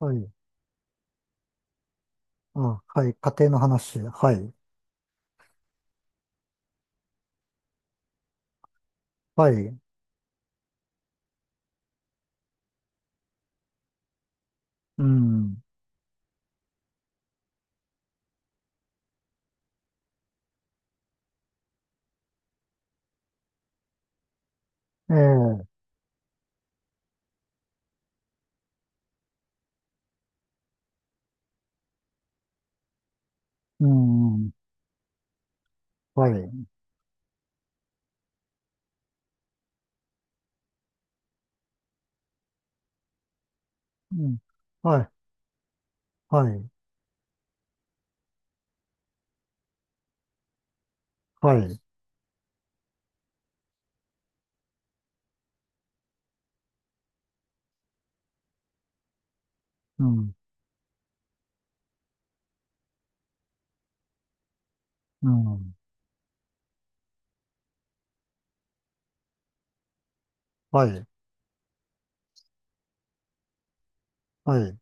はい。あ、はい。家庭の話。はい。はい。うん。ええ。うん。はい。うん。はい。はい。はい。うん。うん。はい。はい。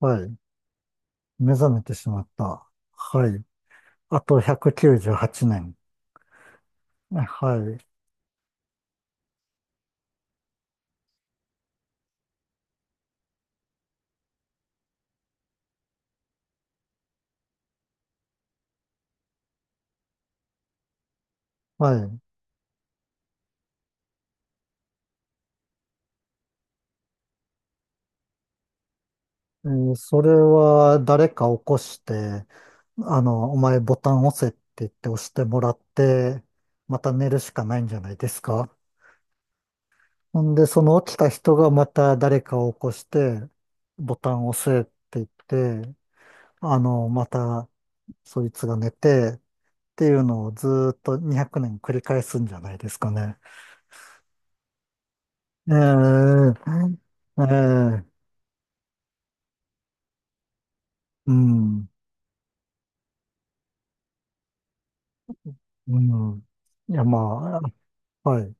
はい。目覚めてしまった。はい。あと198年。はい。はい。それは誰か起こして、お前ボタン押せって言って押してもらって、また寝るしかないんじゃないですか？ほんで、その起きた人がまた誰かを起こして、ボタンを押せって言って、またそいつが寝てっていうのをずーっと200年繰り返すんじゃないですかね。ええええうん、うん。いや、まあ、はい。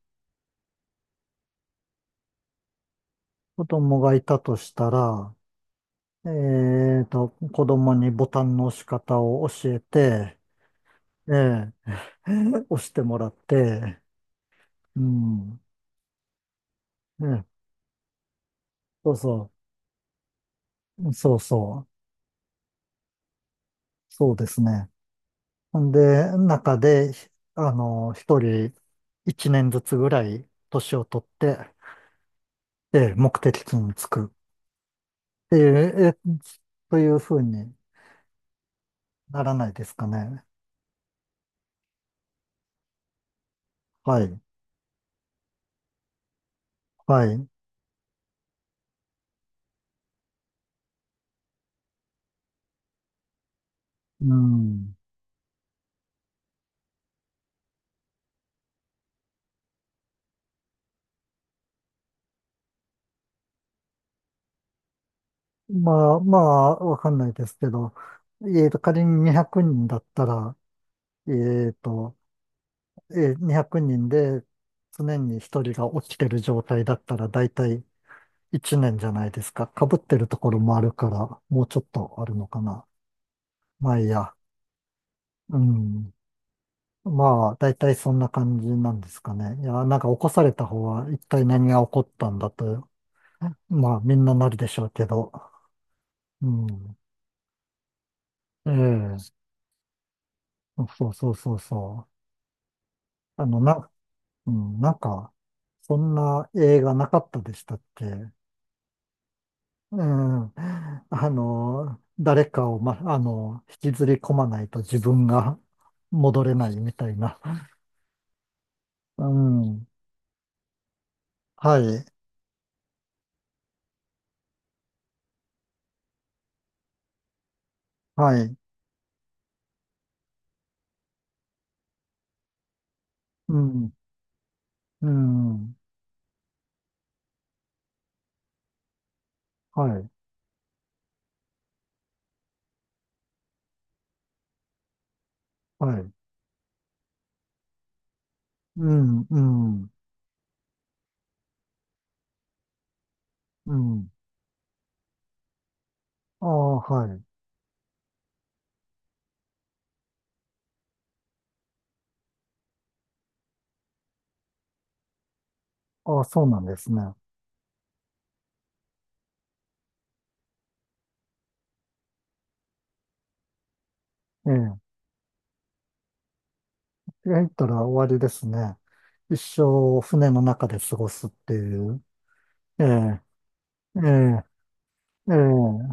子供がいたとしたら、子供にボタンの押し方を教えて、ええ押してもらって、うん。ええそうそう。そうそう、そうですね。で、中で、一人一年ずつぐらい年を取って、で、目的地に着くっていう、というふうにならないですかね。はい、はい。うん。まあ、まあ、わかんないですけど、仮に200人だったら、えっと、2人で常に一人が起きてる状態だったら、だいたい一年じゃないですか。被ってるところもあるから、もうちょっとあるのかな。まあいいや。うん。まあ、だいたいそんな感じなんですかね。いや、なんか起こされた方は一体何が起こったんだと、まあみんななるでしょうけど。うん。ええ。そうそうそうそう。なんか、そんな映画なかったでしたっけ？うん。誰かを、ま、あの、引きずり込まないと自分が戻れないみたいな。うん。はい。はい。うん。うん。はい。はい。うん。うん。うん。ああ、はい。ああ、そうなんですね。ええ。入ったら終わりですね。一生船の中で過ごすっていう。ええ。ええ。ええ。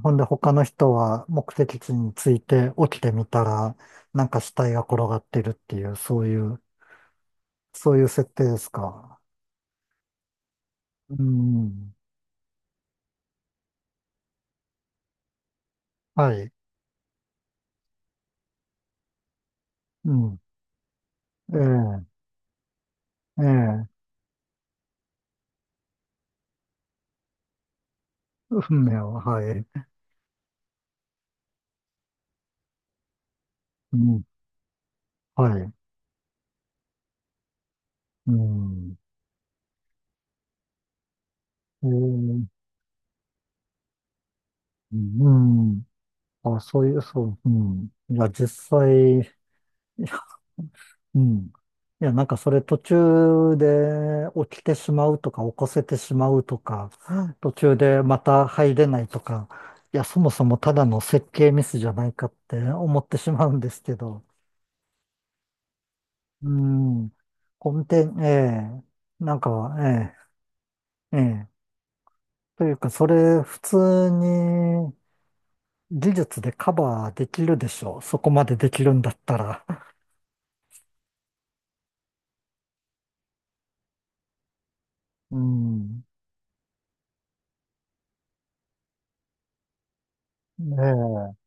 ほんで他の人は目的地に着いて起きてみたら、なんか死体が転がってるっていう、そういう設定ですか？うん。はい。うん。ええ。ええ。運命は、はい。うん、はい。うん。えー、うん。あ、そういう、そう、うん。いや、実際、いやうん。いや、なんかそれ途中で起きてしまうとか、起こせてしまうとか、途中でまた入れないとか、いや、そもそもただの設計ミスじゃないかって思ってしまうんですけど、うん。根底、ええなんか、ええええというか、それ普通に、技術でカバーできるでしょう。そこまでできるんだったら。うん。ねえ。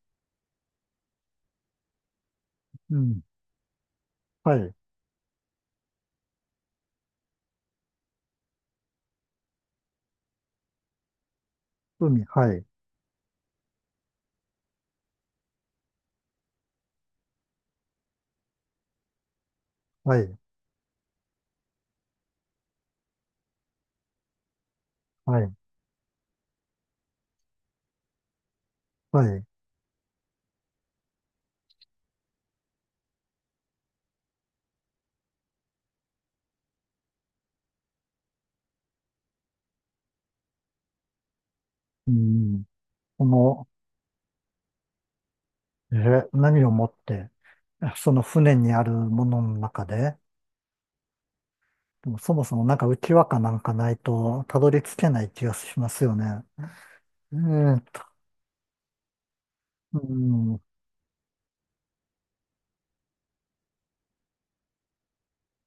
うん。はい。海、はい。はい。はい。はい。うん。この、何を持って、その船にあるものの中で、でもそもそもなんか浮き輪かなんかないと、たどり着けない気がしますよね。えーと、うん。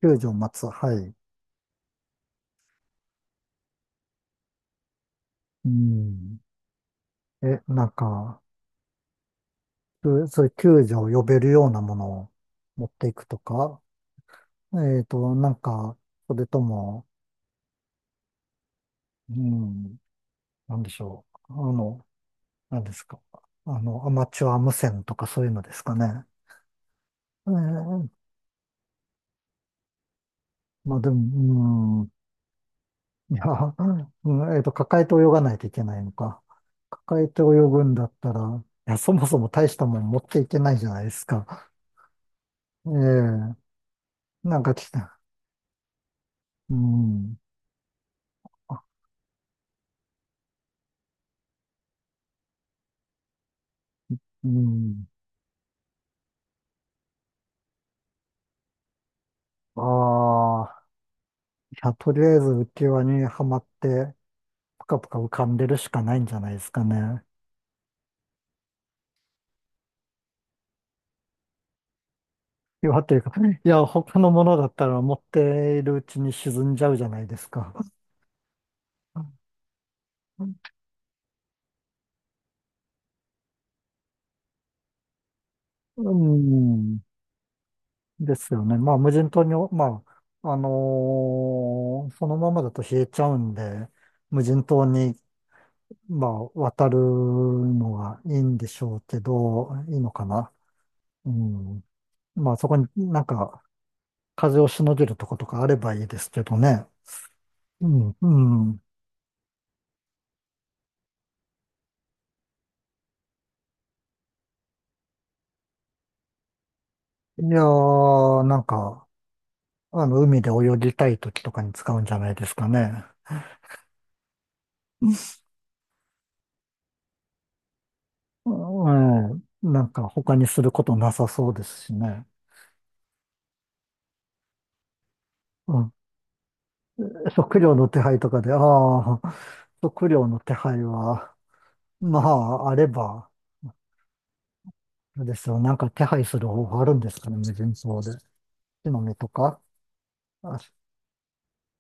救助を待つ。はい。うん。え、なんか、そういう救助を呼べるようなものを持っていくとか、なんか、それとも、うん、なんでしょう。なんですか。アマチュア無線とかそういうのですかね。えーまあでも、うん、いや、うん抱えて泳がないといけないのか。抱えて泳ぐんだったら、いや、そもそも大したもん持っていけないじゃないですか。ええなんか来た。うん。あうん。ああ、いや、とりあえず浮き輪にはまって、ぷかぷか浮かんでるしかないんじゃないですかね。岩というか、いや、他のものだったら持っているうちに沈んじゃうじゃないですか。うん、ですよね。まあ、無人島に、まあ、そのままだと冷えちゃうんで、無人島に、まあ、渡るのがいいんでしょうけど、いいのかな。うん。まあ、そこになんか、風をしのげるとことかあればいいですけどね。うん、うん。いやー、なんか、海で泳ぎたい時とかに使うんじゃないですかね。うん、うんなんか他にすることなさそうですしね。うん、食料の手配とかで、ああ、食料の手配は、まあ、あれば、あれですよ、なんか手配する方法あるんですかね、無人島で。木の実とか、あ、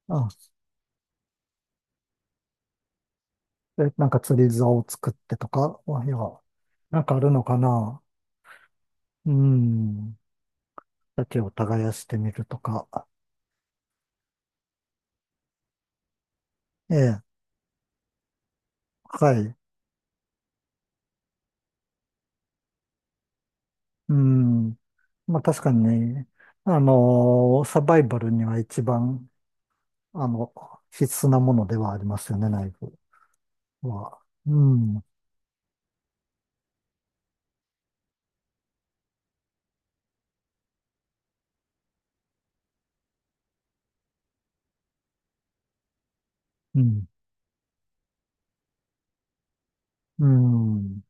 あ、なんか釣り竿を作ってとか、あいや、なんかあるのかな。うん、だを耕してみるとか。ええはい。うん。まあ確かにね、サバイバルには一番、あの、必須なものではありますよね、ナイフは。うん。うん。うん。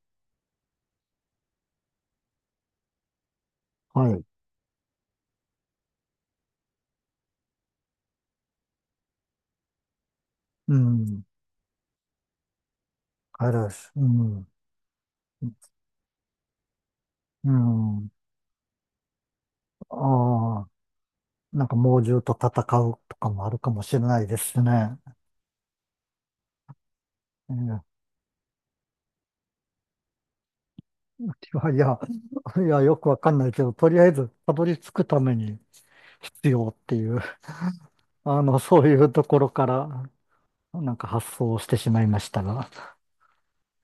はい。うん。あれです。うん。うん。ああ、なんか猛獣と戦うとかもあるかもしれないですね。ええいや、いや、いや、よくわかんないけど、とりあえずたどり着くために必要っていう、そういうところからなんか発想してしまいましたが。